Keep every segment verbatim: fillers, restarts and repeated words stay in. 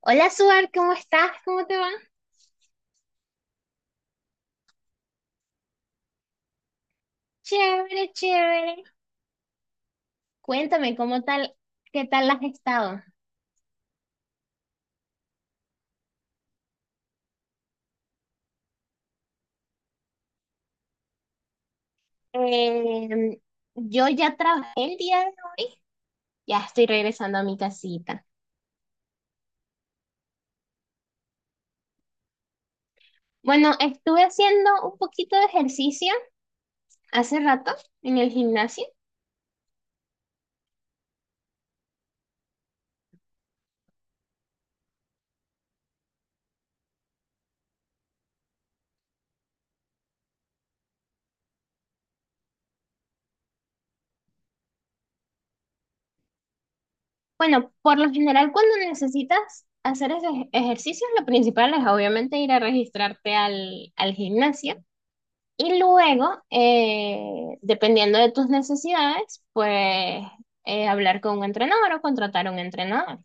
Hola, Suar, ¿cómo estás? ¿Cómo te va? Chévere, chévere. Cuéntame, ¿cómo tal, ¿qué tal has estado? Eh, yo ya trabajé el día de hoy, ya estoy regresando a mi casita. Bueno, estuve haciendo un poquito de ejercicio hace rato en el gimnasio. Bueno, por lo general, cuando necesitas hacer esos ejercicios, lo principal es obviamente ir a registrarte al, al gimnasio. Y luego, eh, dependiendo de tus necesidades, pues eh, hablar con un entrenador o contratar un entrenador.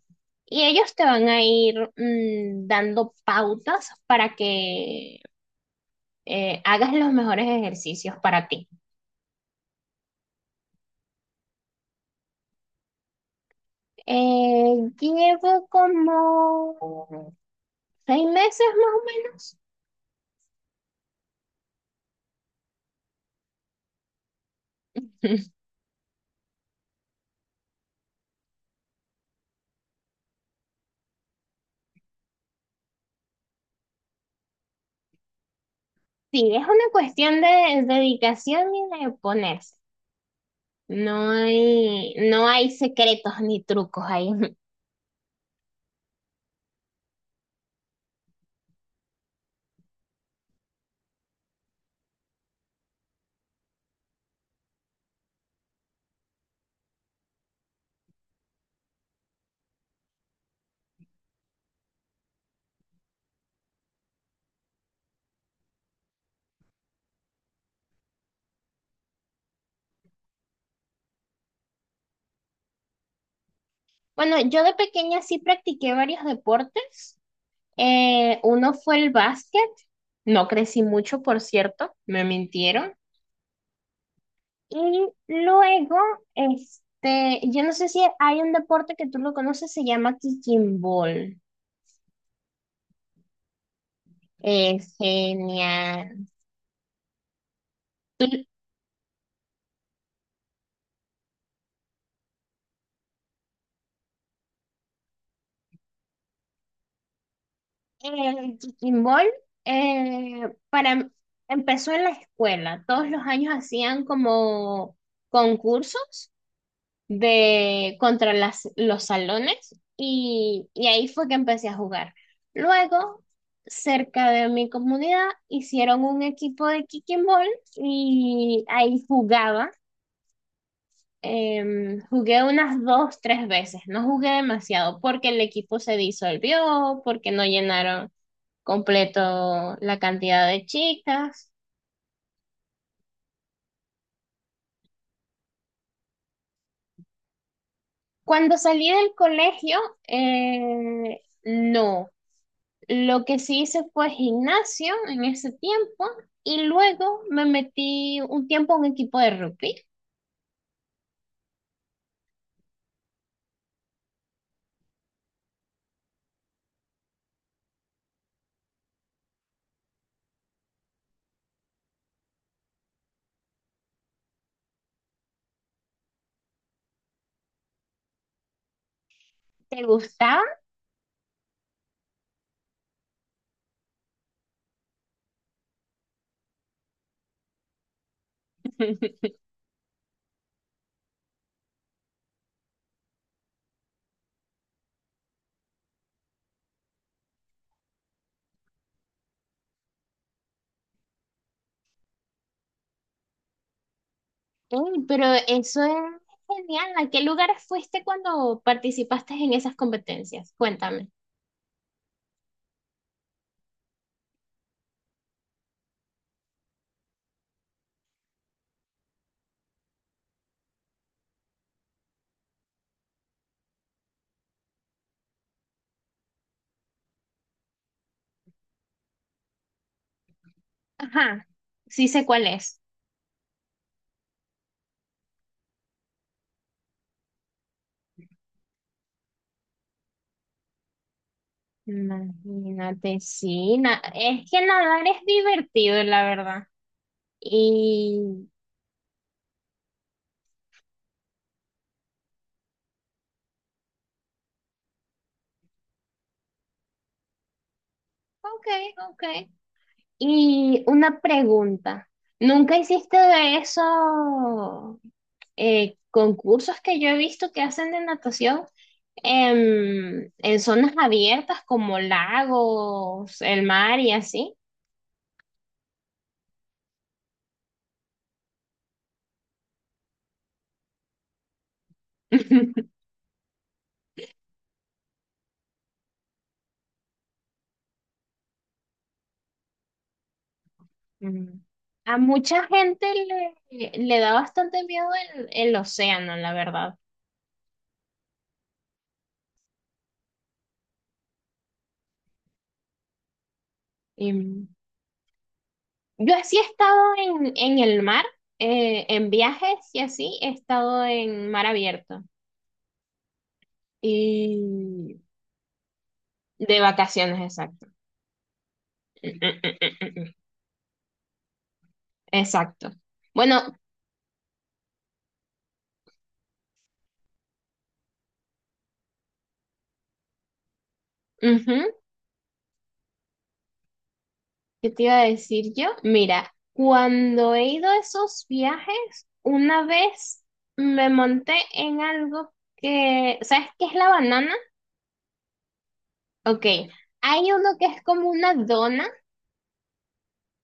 Y ellos te van a ir mm, dando pautas para que eh, hagas los mejores ejercicios para ti. Eh, llevo como seis meses más o menos. Sí, es una cuestión de dedicación y de ponerse. No hay, no hay secretos ni trucos ahí. Bueno, yo de pequeña sí practiqué varios deportes. Eh, uno fue el básquet. No crecí mucho, por cierto, me mintieron. Y luego, este, yo no sé si hay un deporte que tú lo conoces, se llama kicking ball. Es genial. El kicking ball, eh, para, empezó en la escuela. Todos los años hacían como concursos de contra las, los salones y, y ahí fue que empecé a jugar. Luego, cerca de mi comunidad, hicieron un equipo de kicking ball y ahí jugaba. Em, jugué unas dos, tres veces, no jugué demasiado porque el equipo se disolvió, porque no llenaron completo la cantidad de chicas. Cuando salí del colegio, eh, no. Lo que sí hice fue gimnasio en ese tiempo y luego me metí un tiempo a un equipo de rugby. ¿Te gustaba? Ey, pero eso es genial. ¿A qué lugares fuiste cuando participaste en esas competencias? Cuéntame. Ajá, sí sé cuál es. Imagínate, sí. na- es que nadar es divertido, la verdad. Y... Ok, ok. Y una pregunta, ¿nunca hiciste de esos eh, concursos que yo he visto que hacen de natación em, en zonas abiertas como lagos, el mar y así? Mm. A mucha gente le, le da bastante miedo el, el océano, la verdad. Em, yo así he estado en, en el mar, eh, en viajes y así he estado en mar abierto. Y De vacaciones, exacto. Mm, mm, mm, mm, mm. Exacto. Bueno. Ujú. ¿Qué te iba a decir yo? Mira, cuando he ido a esos viajes, una vez me monté en algo que, ¿sabes qué es la banana? Ok, hay uno que es como una dona,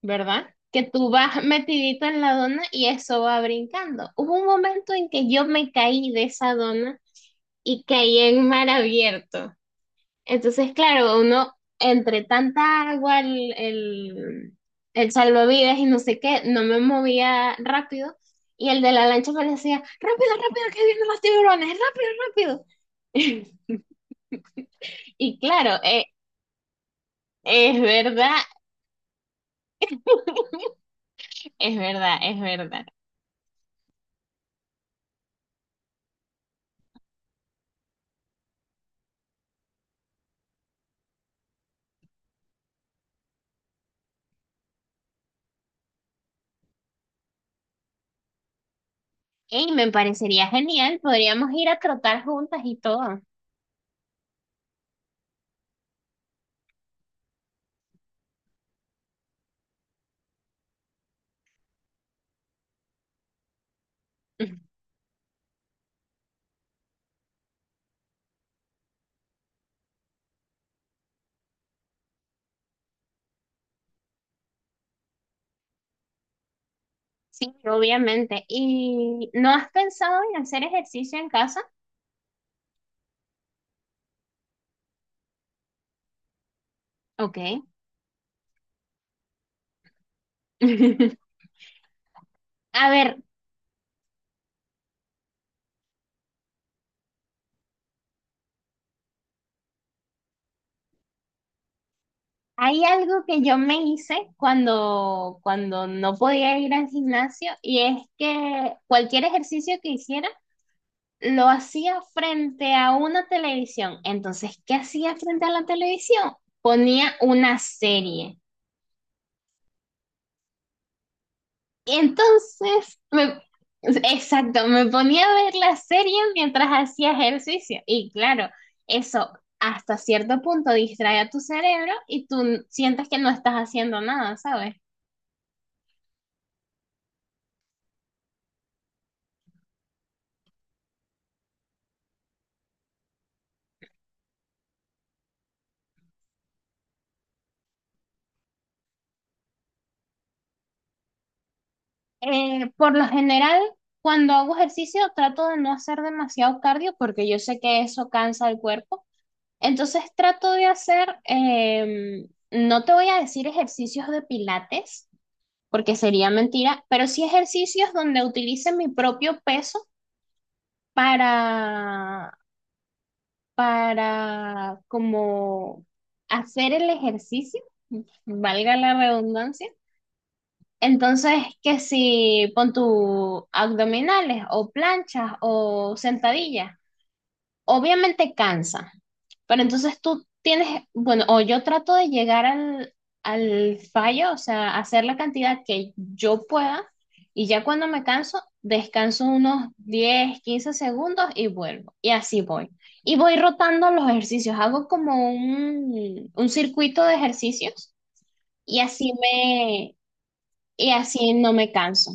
¿verdad? Que tú vas metidito en la dona y eso va brincando. Hubo un momento en que yo me caí de esa dona y caí en mar abierto. Entonces, claro, uno entre tanta agua, el, el, el salvavidas y no sé qué, no me movía rápido. Y el de la lancha parecía, rápido, rápido, que vienen los tiburones, rápido, rápido. Y claro, eh, es verdad, es verdad, es verdad. Y me parecería genial, podríamos ir a trotar juntas y todo. Sí, obviamente. ¿Y no has pensado en hacer ejercicio en casa? Ok. A ver. Hay algo que yo me hice cuando, cuando no podía ir al gimnasio y es que cualquier ejercicio que hiciera lo hacía frente a una televisión. Entonces, ¿qué hacía frente a la televisión? Ponía una serie. Y entonces, me- exacto, me ponía a ver la serie mientras hacía ejercicio. Y claro, eso hasta cierto punto distrae a tu cerebro y tú sientes que no estás haciendo nada, ¿sabes? Eh, por lo general, cuando hago ejercicio, trato de no hacer demasiado cardio porque yo sé que eso cansa el cuerpo. Entonces, trato de hacer, em, no te voy a decir ejercicios de pilates, porque sería mentira, pero sí ejercicios donde utilice mi propio peso para, para como hacer el ejercicio, valga la redundancia. Entonces, que si pon tu abdominales o planchas o sentadillas, obviamente cansa, pero entonces tú tienes, bueno, o yo trato de llegar al, al fallo, o sea, hacer la cantidad que yo pueda y ya cuando me canso, descanso unos diez quince segundos y vuelvo. Y así voy. Y voy rotando los ejercicios, hago como un, un circuito de ejercicios y así me, y así no me canso.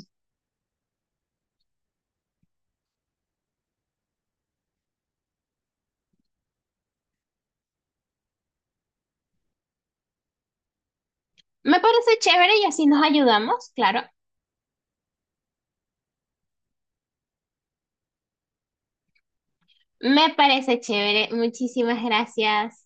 Me parece chévere y así nos ayudamos, claro. Me parece chévere. Muchísimas gracias.